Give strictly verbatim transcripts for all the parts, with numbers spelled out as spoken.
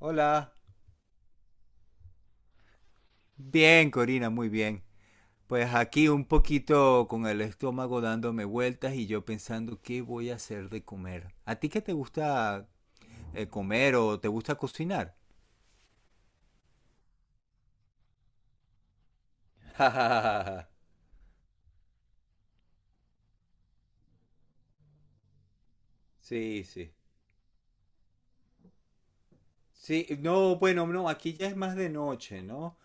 Hola. Bien, Corina, muy bien. Pues aquí un poquito con el estómago dándome vueltas y yo pensando qué voy a hacer de comer. ¿A ti qué te gusta eh, comer o te gusta cocinar? Sí, sí. Sí, no, bueno, no, aquí ya es más de noche, ¿no?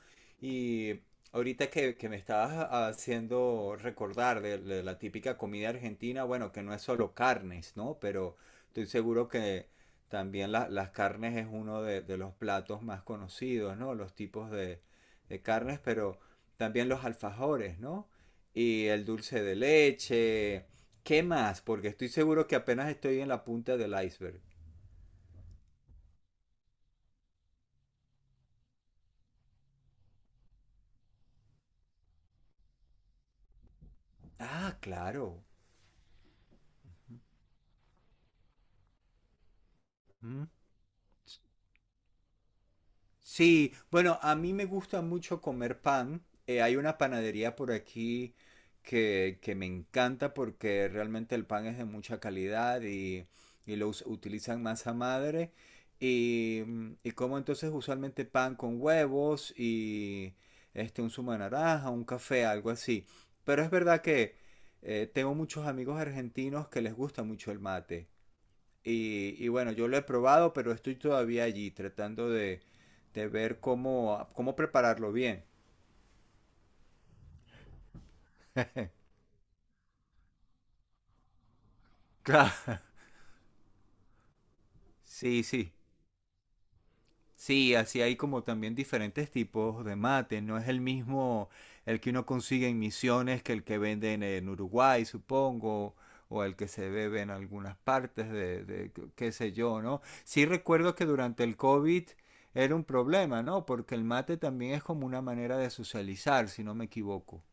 Y ahorita que, que me estabas haciendo recordar de, de la típica comida argentina, bueno, que no es solo carnes, ¿no? Pero estoy seguro que también la- las carnes es uno de, de los platos más conocidos, ¿no? Los tipos de, de carnes, pero también los alfajores, ¿no? Y el dulce de leche. ¿Qué más? Porque estoy seguro que apenas estoy en la punta del iceberg. Ah, claro. ¿Mm? Sí, bueno, a mí me gusta mucho comer pan. Eh, hay una panadería por aquí que, que me encanta porque realmente el pan es de mucha calidad y, y lo us- utilizan masa madre. Y, mm, y como entonces usualmente pan con huevos y este, un zumo de naranja, un café, algo así. Pero es verdad que eh, tengo muchos amigos argentinos que les gusta mucho el mate. Y, y bueno, yo lo he probado, pero estoy todavía allí tratando de, de ver cómo, cómo prepararlo bien. Claro. Sí, sí. Sí, así hay como también diferentes tipos de mate. No es el mismo el que uno consigue en Misiones que el que venden en Uruguay, supongo, o el que se bebe en algunas partes de, de qué sé yo, ¿no? Sí recuerdo que durante el COVID era un problema, ¿no? Porque el mate también es como una manera de socializar, si no me equivoco.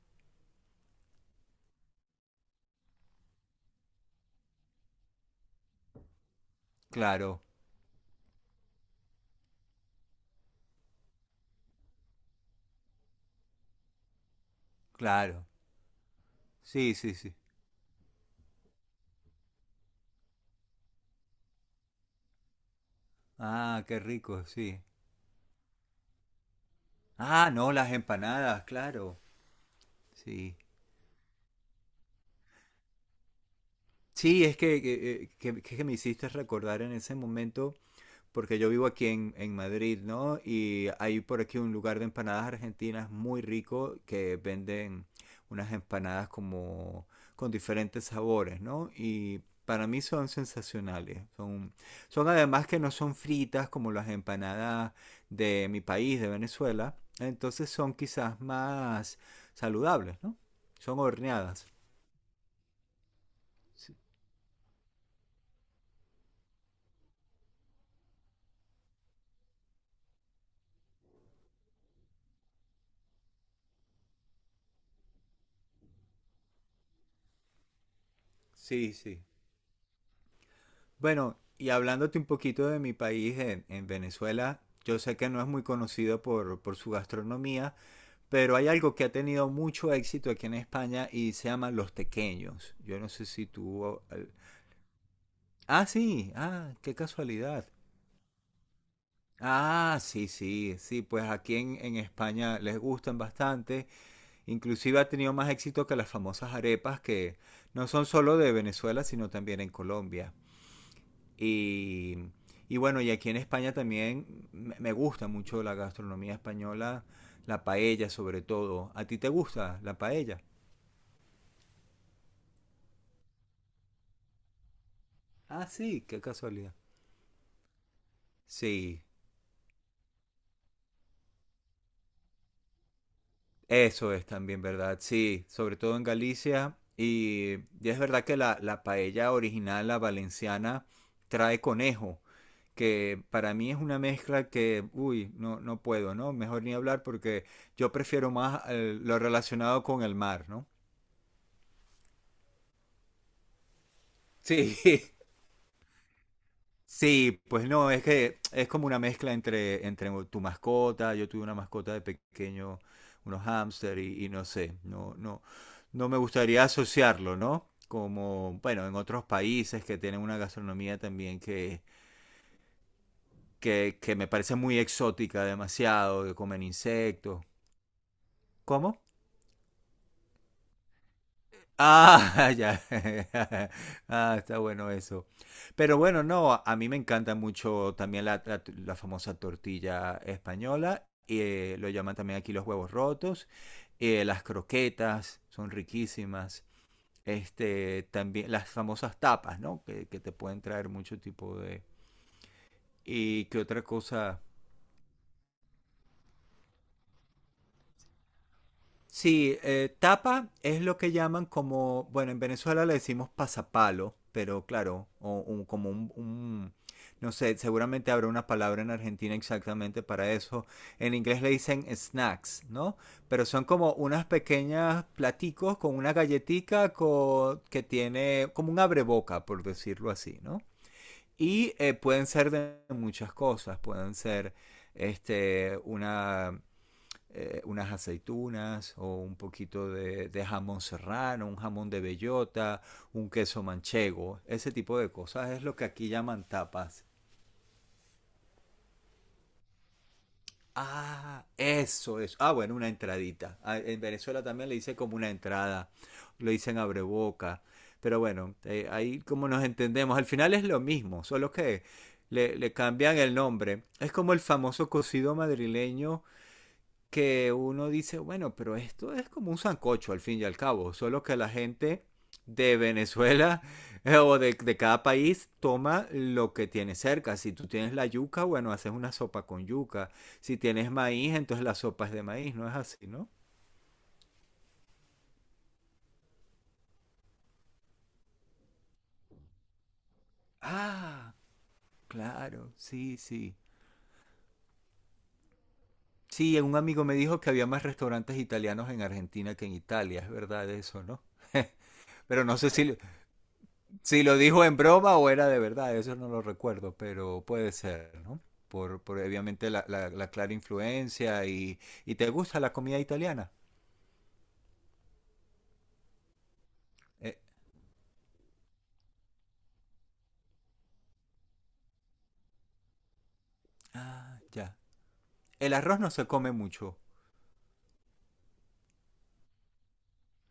Claro. Claro. Sí, sí, sí. Ah, qué rico, sí. Ah, no, las empanadas, claro. Sí. Sí, es que, que, eh, que- que me hiciste recordar en ese momento porque yo vivo aquí en, en Madrid, ¿no? Y hay por aquí un lugar de empanadas argentinas muy rico que venden unas empanadas como con diferentes sabores, ¿no? Y para mí son sensacionales. Son, son además que no son fritas como las empanadas de mi país, de Venezuela. Entonces son quizás más saludables, ¿no? Son horneadas. Sí, sí. sí. Bueno, y hablándote un poquito de mi país, en, en Venezuela, yo sé que no es muy conocido por, por su gastronomía, pero hay algo que ha tenido mucho éxito aquí en España y se llaman los tequeños. Yo no sé si tú... o- al- Ah, sí, ah, qué casualidad. Ah, sí, sí, sí, pues aquí en, en España les gustan bastante. Inclusive ha tenido más éxito que las famosas arepas que no son solo de Venezuela, sino también en Colombia. Y, y bueno, y aquí en España también me gusta mucho la gastronomía española, la paella sobre todo. ¿A ti te gusta la paella? Ah, sí, qué casualidad. Sí, eso es también verdad, sí, sobre todo en Galicia. Y, y es verdad que la, la paella original, la valenciana, trae conejo, que para mí es una mezcla que, uy, no, no puedo, ¿no? Mejor ni hablar porque yo prefiero más eh, lo relacionado con el mar, ¿no? Sí, Sí, pues no, es que es como una mezcla entre, entre tu mascota, yo tuve una mascota de pequeño, unos hámster y, y no sé, no, no, no me gustaría asociarlo, ¿no? Como, bueno, en otros países que tienen una gastronomía también que, que, que me parece muy exótica demasiado, que comen insectos. ¿Cómo? Ah, ya. Ah, está bueno eso. Pero bueno, no, a a mí me encanta mucho también la, la- la famosa tortilla española. eh, lo llaman también aquí los huevos rotos. eh, las croquetas son riquísimas. Este, también las famosas tapas, ¿no? Que, que te pueden traer mucho tipo de... ¿Y qué otra cosa? Sí, eh, tapa es lo que llaman como, bueno, en Venezuela le decimos pasapalo, pero claro, o un- como un, un- no sé, seguramente habrá una palabra en Argentina exactamente para eso. En inglés le dicen snacks, ¿no? Pero son como unas pequeñas platicos con una galletica co- que tiene como un abreboca, por decirlo así, ¿no? Y eh, pueden ser de muchas cosas, pueden ser este, una eh, unas aceitunas o un poquito de, de jamón serrano, un jamón de bellota, un queso manchego, ese tipo de cosas es lo que aquí llaman tapas. Ah, eso es. Ah, bueno, una entradita. Ah, en Venezuela también le dicen como una entrada. Lo dicen abreboca. Pero bueno, eh, ahí como nos entendemos. Al final es lo mismo, solo que le, le cambian el nombre. Es como el famoso cocido madrileño que uno dice, bueno, pero esto es como un sancocho al fin y al cabo, solo que la gente de Venezuela eh, o de, de cada país toma lo que tiene cerca. Si tú tienes la yuca, bueno, haces una sopa con yuca. Si tienes maíz, entonces la sopa es de maíz, no es así, ¿no? Ah, claro, sí, sí. Sí, un amigo me dijo que había más restaurantes italianos en Argentina que en Italia, es verdad eso, ¿no? Pero no sé si, si lo dijo en broma o era de verdad, eso no lo recuerdo, pero puede ser, ¿no? Por, por obviamente la, la- la clara influencia y, y te gusta la comida italiana. Eh, ah, ya. El arroz no se come mucho.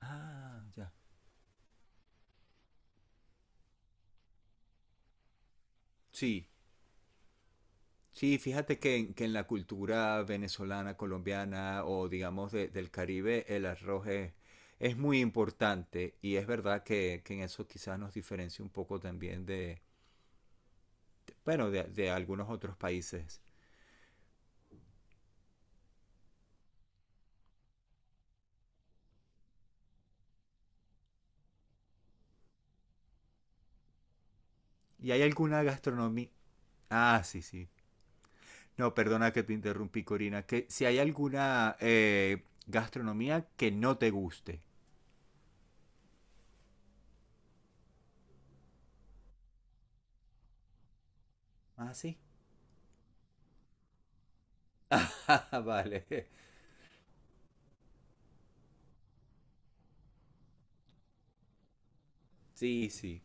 Ah, ya. Sí, sí, fíjate que en, que en la cultura venezolana, colombiana o digamos de- del Caribe, el arroz es, es muy importante y es verdad que, que en eso quizás nos diferencia un poco también de, de- bueno, de, de algunos otros países. ¿Y hay alguna gastronomía? Ah, sí, sí. No, perdona que te interrumpí, Corina. Que si hay alguna eh, gastronomía que no te guste. Ah, sí. Ah, vale. Sí, sí.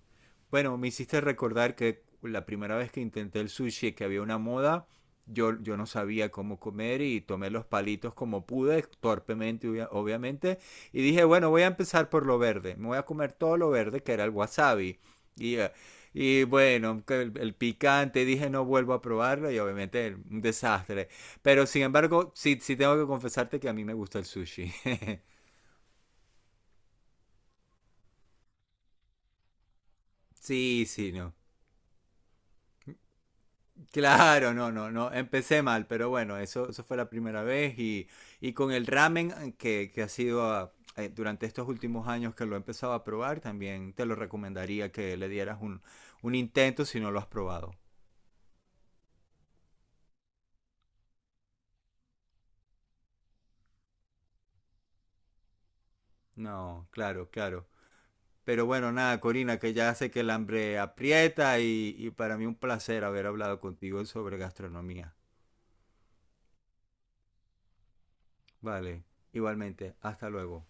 Bueno, me hiciste recordar que la primera vez que intenté el sushi, que había una moda, yo, yo no sabía cómo comer y tomé los palitos como pude, torpemente, obvia- obviamente, y dije, bueno, voy a empezar por lo verde, me voy a comer todo lo verde, que era el wasabi. Y, eh, y bueno, que el, el picante, dije, no vuelvo a probarlo y obviamente un desastre. Pero sin embargo, sí, sí tengo que confesarte que a mí me gusta el sushi. Sí, sí, no. Claro, no, no, no, empecé mal, pero bueno, eso, eso fue la primera vez y, y con el ramen eh, que, que ha sido ah, eh, durante estos últimos años que lo he empezado a probar, también te lo recomendaría que le dieras un, un intento si no lo has probado. No, claro, claro. Pero bueno, nada, Corina, que ya sé que el hambre aprieta y, y para mí un placer haber hablado contigo sobre gastronomía. Vale, igualmente, hasta luego.